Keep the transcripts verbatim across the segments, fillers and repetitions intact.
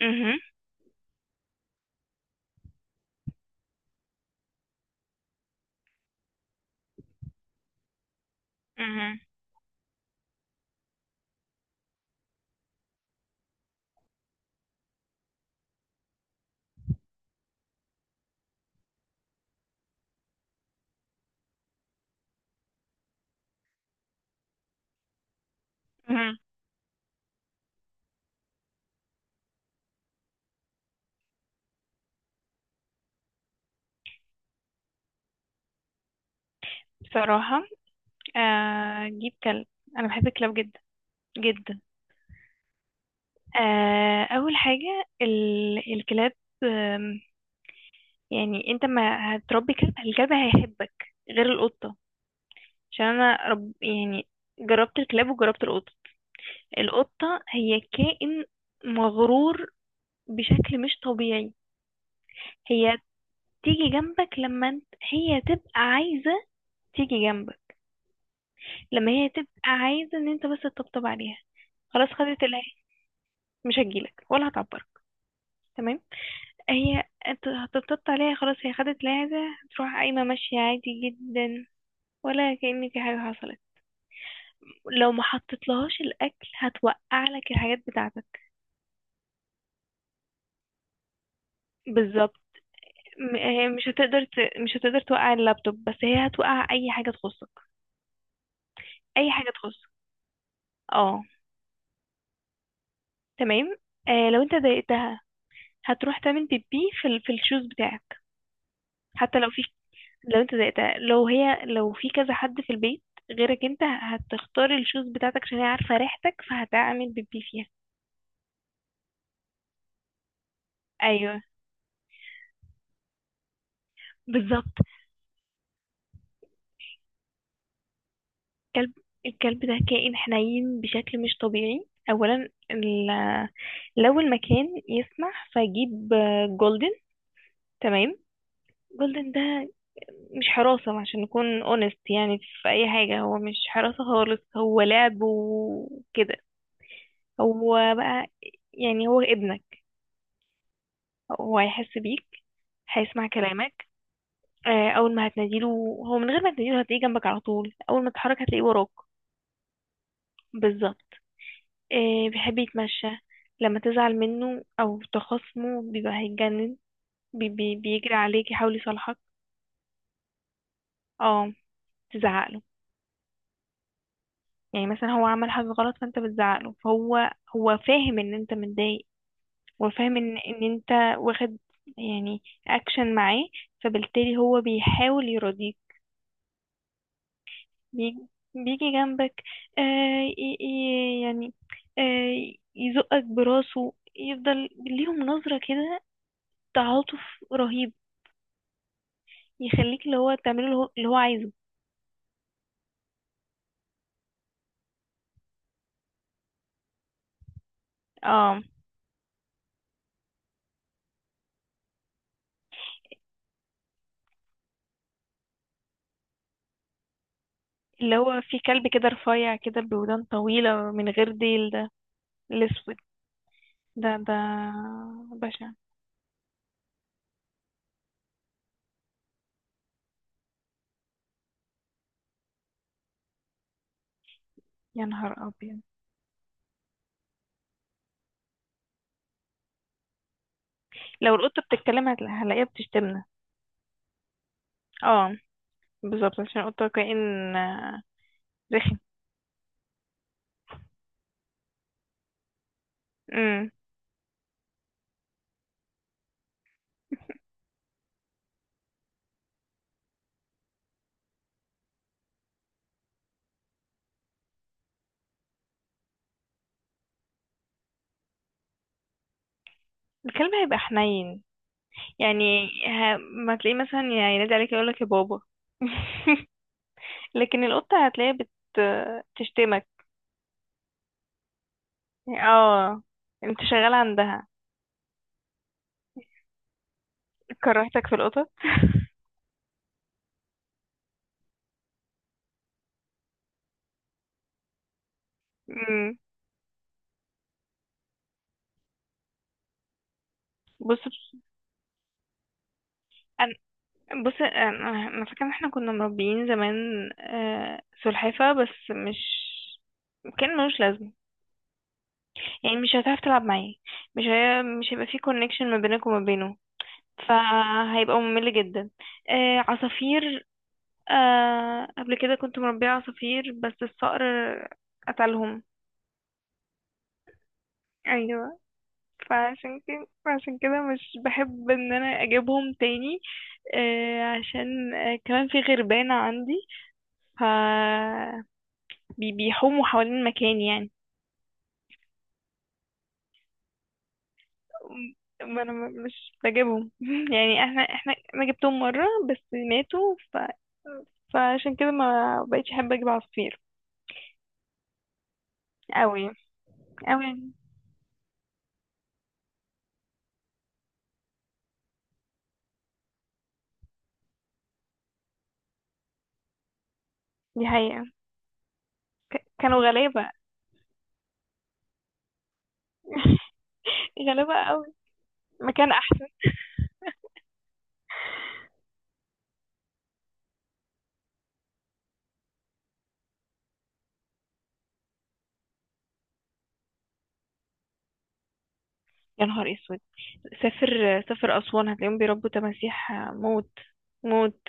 مهم. مهم. مهم. بصراحة، آه، أجيب كلب. أنا بحب الكلاب جدا جدا. آه، أول حاجة ال- الكلاب. آم، يعني أنت ما هتربي كلب، الكلب هيحبك، غير القطة. عشان أنا رب يعني. جربت الكلاب وجربت القطة. القطة هي كائن مغرور بشكل مش طبيعي. هي تيجي جنبك لما انت هي تبقى عايزة تيجي جنبك لما هي تبقى عايزة ان انت بس تطبطب عليها. خلاص، خدت اللي هي... مش هتجيلك ولا هتعبرك. تمام. هي انت هتطبطب عليها، خلاص، هي خدت اللي هي عايزاه، هتروح قايمة ماشية عادي جدا، ولا كأن في حاجة حصلت. لو ما حطيتلهاش الأكل هتوقع لك الحاجات بتاعتك. بالظبط. م- هي مش هتقدر ت... مش هتقدر توقع اللابتوب، بس هي هتوقع أي حاجة تخصك. أي حاجة تخصك. اه. تمام. آه لو انت ضايقتها هتروح تعمل بيبي في ال... في الشوز بتاعك. حتى لو في، لو انت زهقت، لو هي، لو في كذا حد في البيت غيرك، انت هتختار الشوز بتاعتك عشان هي عارفة ريحتك فهتعمل بيبي فيها. ايوه، بالظبط. الكلب الكلب ده كائن حنين بشكل مش طبيعي. اولا ال... لو المكان يسمح فجيب جولدن. تمام. جولدن ده مش حراسة عشان نكون اونست يعني في اي حاجة. هو مش حراسة خالص، هو لعب وكده. هو بقى يعني هو ابنك. وهيحس بيك، هيسمع كلامك. آه، اول ما هتناديله، هو من غير ما تناديله هتلاقيه جنبك على طول، اول ما تتحرك هتلاقيه وراك. بالظبط. آه، بيحب يتمشى. لما تزعل منه او تخاصمه بيبقى هيتجنن، بي بي بيجري عليك يحاول يصالحك. اه، تزعقله. يعني مثلا هو عمل حاجة غلط فانت بتزعقله، فهو... هو فاهم ان انت متضايق، وفاهم ان ان انت واخد يعني اكشن معاه، فبالتالي هو بيحاول يرضيك. بيجي, بيجي جنبك. آه ي- ي- يعني، آه يزقك براسه، يفضل ليهم نظرة كده، تعاطف رهيب. يخليك اللي هو تعمله اللي هو اللي هو عايزه. اه، اللي هو في كلب كده رفيع كده بودان طويلة من غير ديل ده. الأسود ده ده. بشع. يا نهار أبيض. لو القطة بتتكلم هتلا- هلاقيها بتشتمنا. اه، بالظبط، عشان القطة كائن آه، رخم. امم. الكلب هيبقى حنين. يعني ه... ما تلاقيه مثلا يعني ينادي عليك يقولك يا بابا. لكن القطة هتلاقيها بت... تشتمك. اه. انت شغال عندها. كرهتك في القطط. مم. بص انا بص انا أنا فاكره ان احنا كنا مربيين زمان آه، سلحفاه. بس مش كان ملوش لازمه. يعني مش هتعرف تلعب معاه، مش هي... مش هيبقى فيه كونكشن ما بينك وما بينه، فهيبقى ممل جدا. آه، عصافير. آه قبل كده كنت مربية عصافير، بس الصقر قتلهم. ايوه. فعشان كده عشان كده مش بحب ان انا اجيبهم تاني. آه عشان آه كمان في غربانة عندي، ف... بي- بيحوموا حوالين مكاني يعني. ما انا م- مش بجيبهم. يعني احنا احنا انا جبتهم مرة بس ماتوا، ف... فعشان كده ما بقتش احب اجيب عصافير. قوي قوي. دي حقيقة. ك- كانوا غلابة. غلابة. مكان احسن. يا نهار اسود. سافر سافر اسوان هتلاقيهم بيربوا تماسيح موت. موت.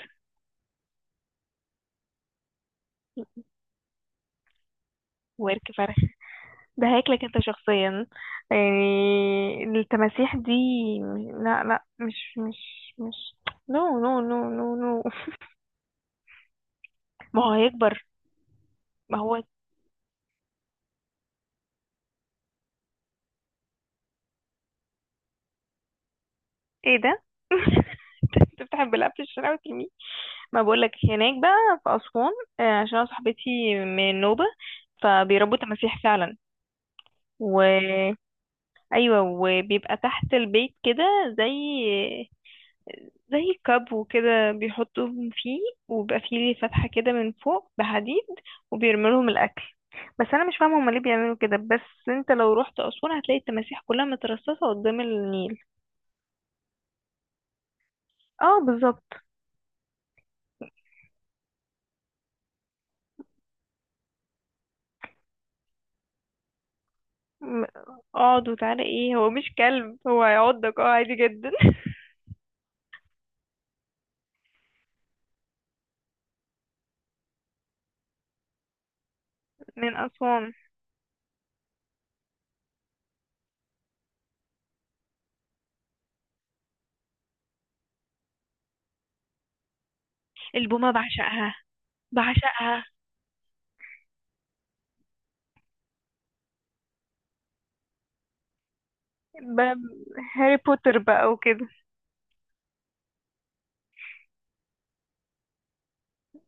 وارك فرخ؟ ده هياكلك انت شخصيا يعني، التماسيح دي. لا لا، مش مش مش، نو نو نو نو نو. ما هو هيكبر. ما هو ايه ده؟ تفتح البلاعه في الشارع وترميه؟ ما بقولك، هناك بقى في أسوان، آه، عشان أنا صاحبتي من نوبة، فبيربوا تماسيح. فعلا. ايوه، وبيبقى تحت البيت كده زي زي كاب وكده بيحطوهم فيه، وبيبقى فيه ليه فتحة كده من فوق بحديد، وبيرموا لهم الاكل. بس انا مش فاهمه هما ليه بيعملوا كده، بس انت لو رحت اسوان هتلاقي التماسيح كلها مترصصه قدام النيل. اه، بالظبط. م- اقعد وتعالى ايه؟ هو مش كلب، هو هيعضك اه عادي جدا. من اسوان. البومه بعشقها. بعشقها. ب... هاري بوتر بقى وكده.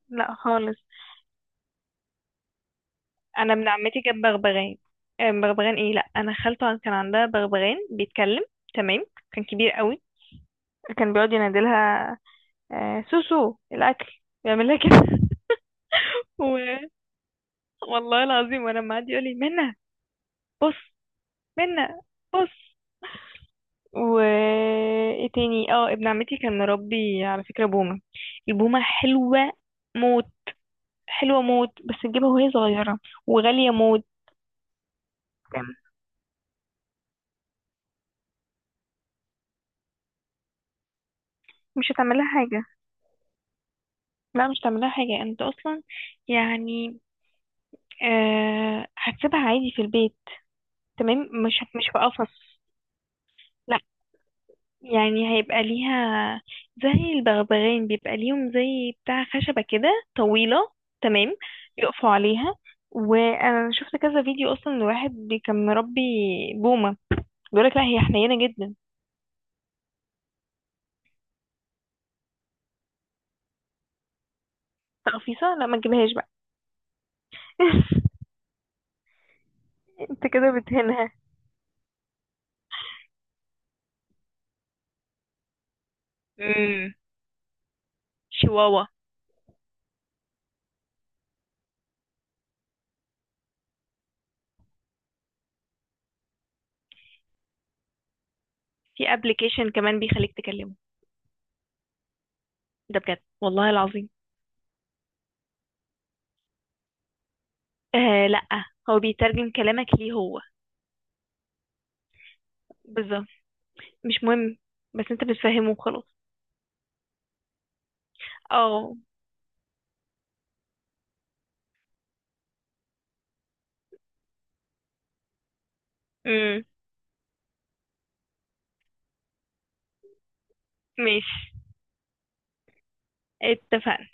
لا خالص. انا ابن عمتي جاب بغبغان. آه، بغبغان ايه لا انا، خالته كان عندها بغبغان بيتكلم. تمام. كان كبير قوي. كان بيقعد ينادلها آه، سوسو، الاكل. بيعمل لها كده. و... والله العظيم وانا معدي يقول لي منى. بص، منى، بص و ايه تاني؟ اه، ابن عمتي كان مربي على فكره بومه. البومه حلوه موت. حلوه موت، بس تجيبها وهي صغيره، وغاليه موت. مش هتعمل لها حاجه. لا مش هتعمل لها حاجه انت اصلا، يعني، أه هتسيبها عادي في البيت. تمام. مش هت- مش في قفص. لا، يعني هيبقى ليها زي البغبغان، بيبقى ليهم زي بتاع خشبة كده طويلة. تمام. يقفوا عليها. وانا شفت كذا فيديو اصلا لواحد بي- كان مربي بومة، بيقولك لا هي حنينة جدا. تقفيصة؟ لا، ما تجيبهاش بقى. انت كده بتهنها. امم. شواوا. في ابلكيشن كمان بيخليك تكلمه. ده بجد والله العظيم. آه لا، هو بيترجم كلامك ليه هو. بالظبط. مش مهم، بس انت بتفهمه وخلاص. اه. امم. ماشي، اتفقنا.